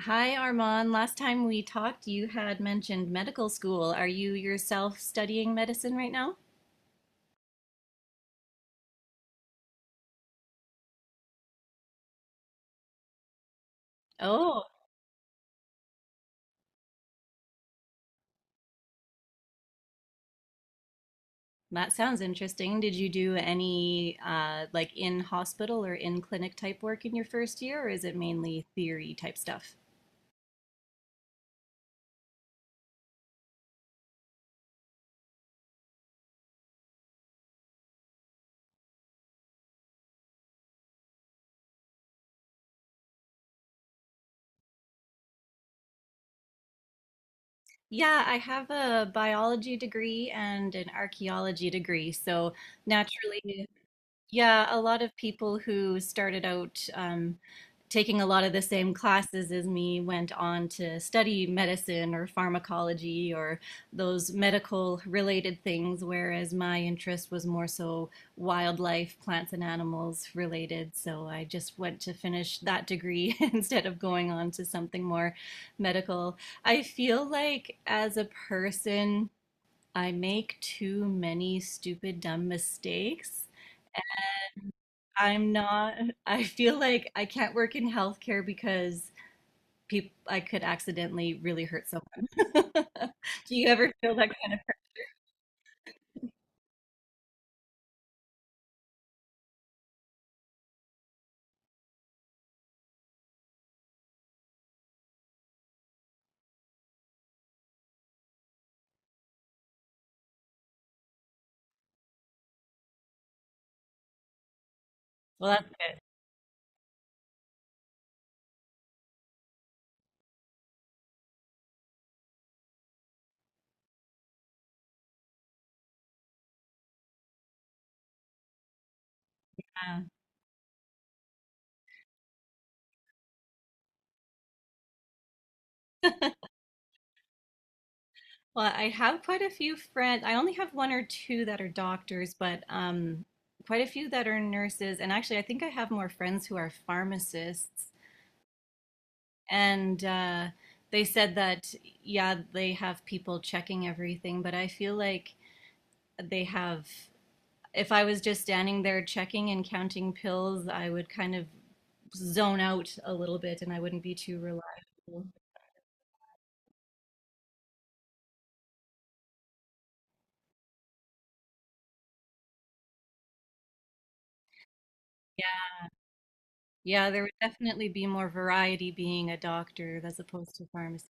Hi, Armand. Last time we talked, you had mentioned medical school. Are you yourself studying medicine right now? Oh, that sounds interesting. Did you do any like in hospital or in clinic type work in your first year, or is it mainly theory type stuff? Yeah, I have a biology degree and an archaeology degree. So naturally, yeah, a lot of people who started out taking a lot of the same classes as me went on to study medicine or pharmacology or those medical related things, whereas my interest was more so wildlife, plants, and animals related. So I just went to finish that degree instead of going on to something more medical. I feel like as a person, I make too many stupid, dumb mistakes. I'm not, I feel like I can't work in healthcare because people, I could accidentally really hurt someone. Do you ever feel that kind of pressure? Well, that's good. Well, I have quite a few friends. I only have one or two that are doctors, but quite a few that are nurses. And actually, I think I have more friends who are pharmacists. And they said that, yeah, they have people checking everything, but I feel like they have, if I was just standing there checking and counting pills, I would kind of zone out a little bit and I wouldn't be too reliable. Yeah, yeah, there would definitely be more variety being a doctor as opposed to pharmacy.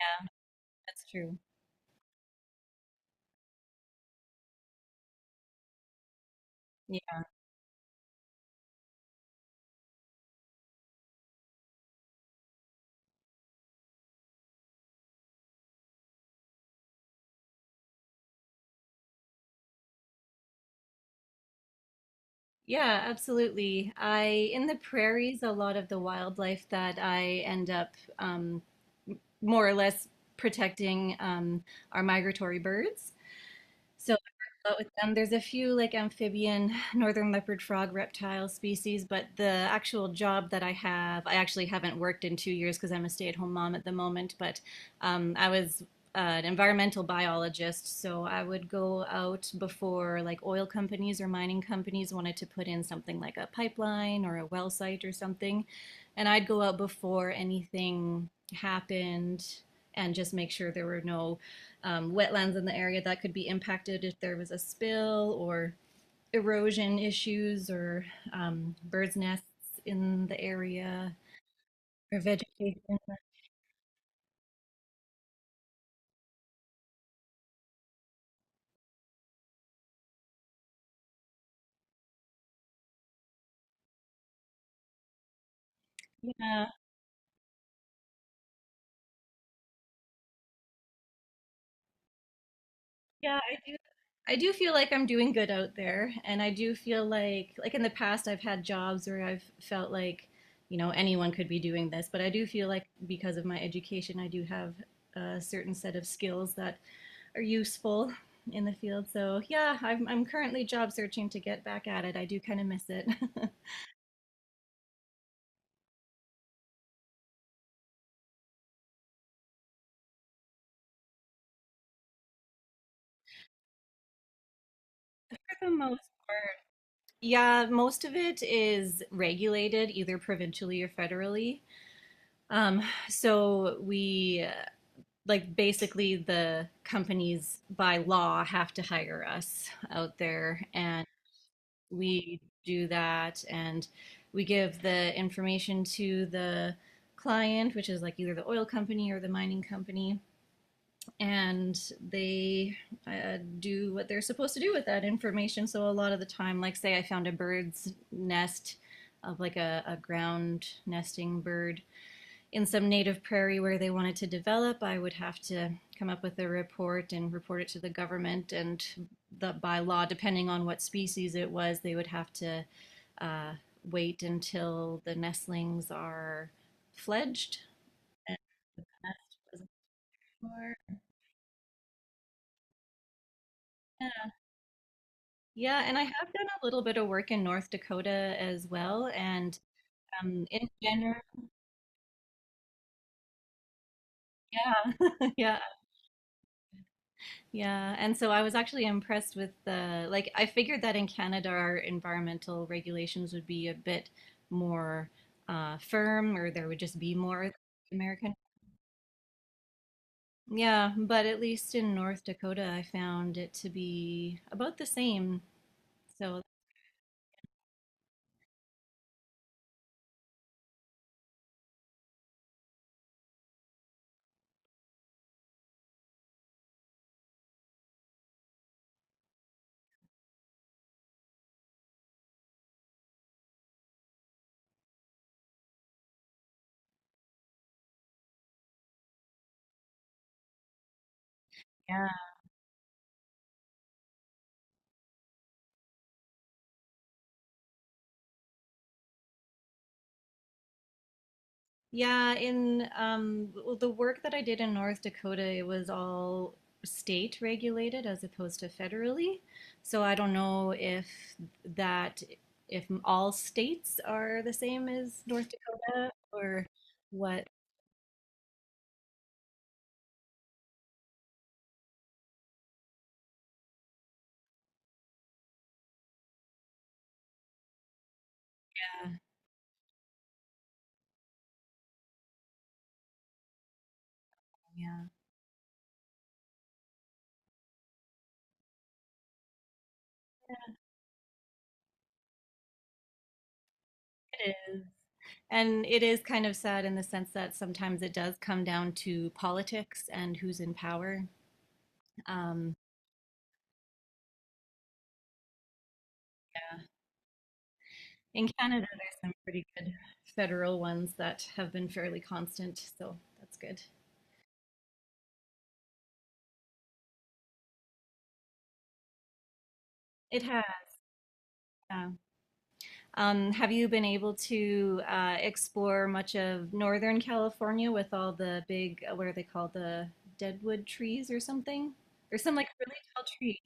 Yeah. That's true. Yeah, yeah, absolutely. I in the prairies, a lot of the wildlife that I end up more or less protecting are migratory birds. So I work a lot with them. There's a few like amphibian northern leopard frog reptile species, but the actual job that I have, I actually haven't worked in 2 years because I'm a stay-at-home mom at the moment. But I was an environmental biologist, so I would go out before like oil companies or mining companies wanted to put in something like a pipeline or a well site or something, and I'd go out before anything happened and just make sure there were no wetlands in the area that could be impacted if there was a spill or erosion issues or birds' nests in the area or vegetation. Yeah. Yeah, I do. I do feel like I'm doing good out there, and I do feel like in the past I've had jobs where I've felt like, you know, anyone could be doing this, but I do feel like because of my education, I do have a certain set of skills that are useful in the field. So, yeah, I'm currently job searching to get back at it. I do kind of miss it. For the most part. Yeah, most of it is regulated either provincially or federally. Um, so we like basically the companies by law have to hire us out there and we do that and we give the information to the client which is like either the oil company or the mining company and they do what they're supposed to do with that information. So a lot of the time, like say I found a bird's nest of like a ground nesting bird in some native prairie where they wanted to develop, I would have to come up with a report and report it to the government. And the, by law, depending on what species it was, they would have to uh, wait until the nestlings are fledged. And that was before- yeah. Yeah, and I have done a little bit of work in North Dakota as well. And in general, yeah, yeah, yeah, and so I was actually impressed with the like I figured that in Canada our environmental regulations would be a bit more firm or there would just be more American. Yeah, but at least in North Dakota I found it to be about the same. So yeah. Yeah, in well, the work that I did in North Dakota, it was all state regulated as opposed to federally. So I don't know if that, if all states are the same as North Dakota or what. Uh, yeah, it is. And it is kind of sad in the sense that sometimes it does come down to politics and who's in power. Um, in Canada, there's some pretty good federal ones that have been fairly constant, so that's good. It has. Yeah. Have you been able to explore much of Northern California with all the big, what are they called, the deadwood trees or something? There's some like really tall trees,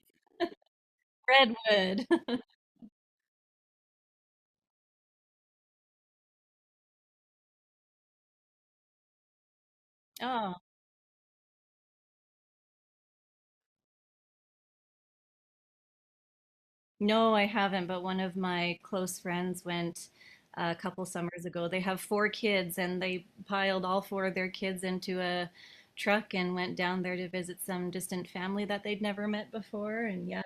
redwood. Oh, no, I haven't, but one of my close friends went a couple summers ago. They have four kids, and they piled all four of their kids into a truck and went down there to visit some distant family that they'd never met before. And yeah,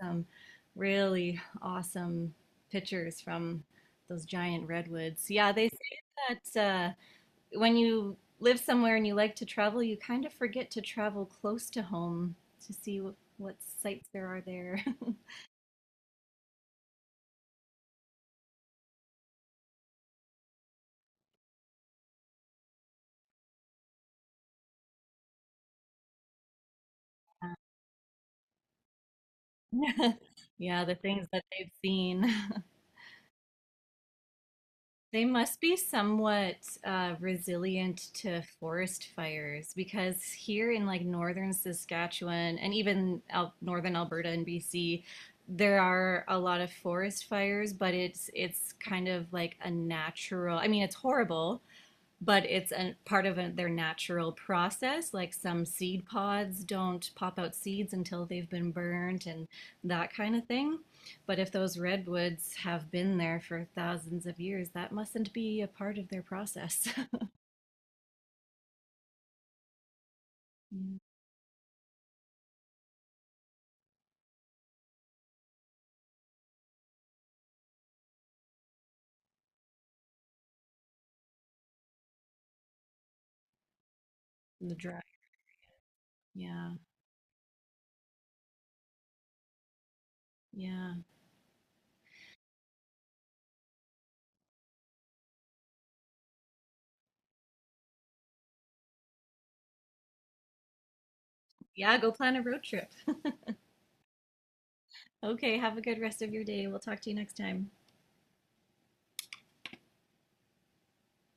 some really awesome pictures from those giant redwoods. Yeah, they say that when you live somewhere and you like to travel, you kind of forget to travel close to home to see what sights there are there. Yeah, the things that they've seen. They must be somewhat resilient to forest fires because here in like northern Saskatchewan and even out northern Alberta and BC, there are a lot of forest fires, but it's kind of like a natural, I mean, it's horrible, but it's a part of a, their natural process. Like some seed pods don't pop out seeds until they've been burnt and that kind of thing. But if those redwoods have been there for thousands of years, that mustn't be a part of their process. Mm. The dry. Yeah. Yeah. Yeah. Go plan a road trip. Okay. Have a good rest of your day. We'll talk to you next time.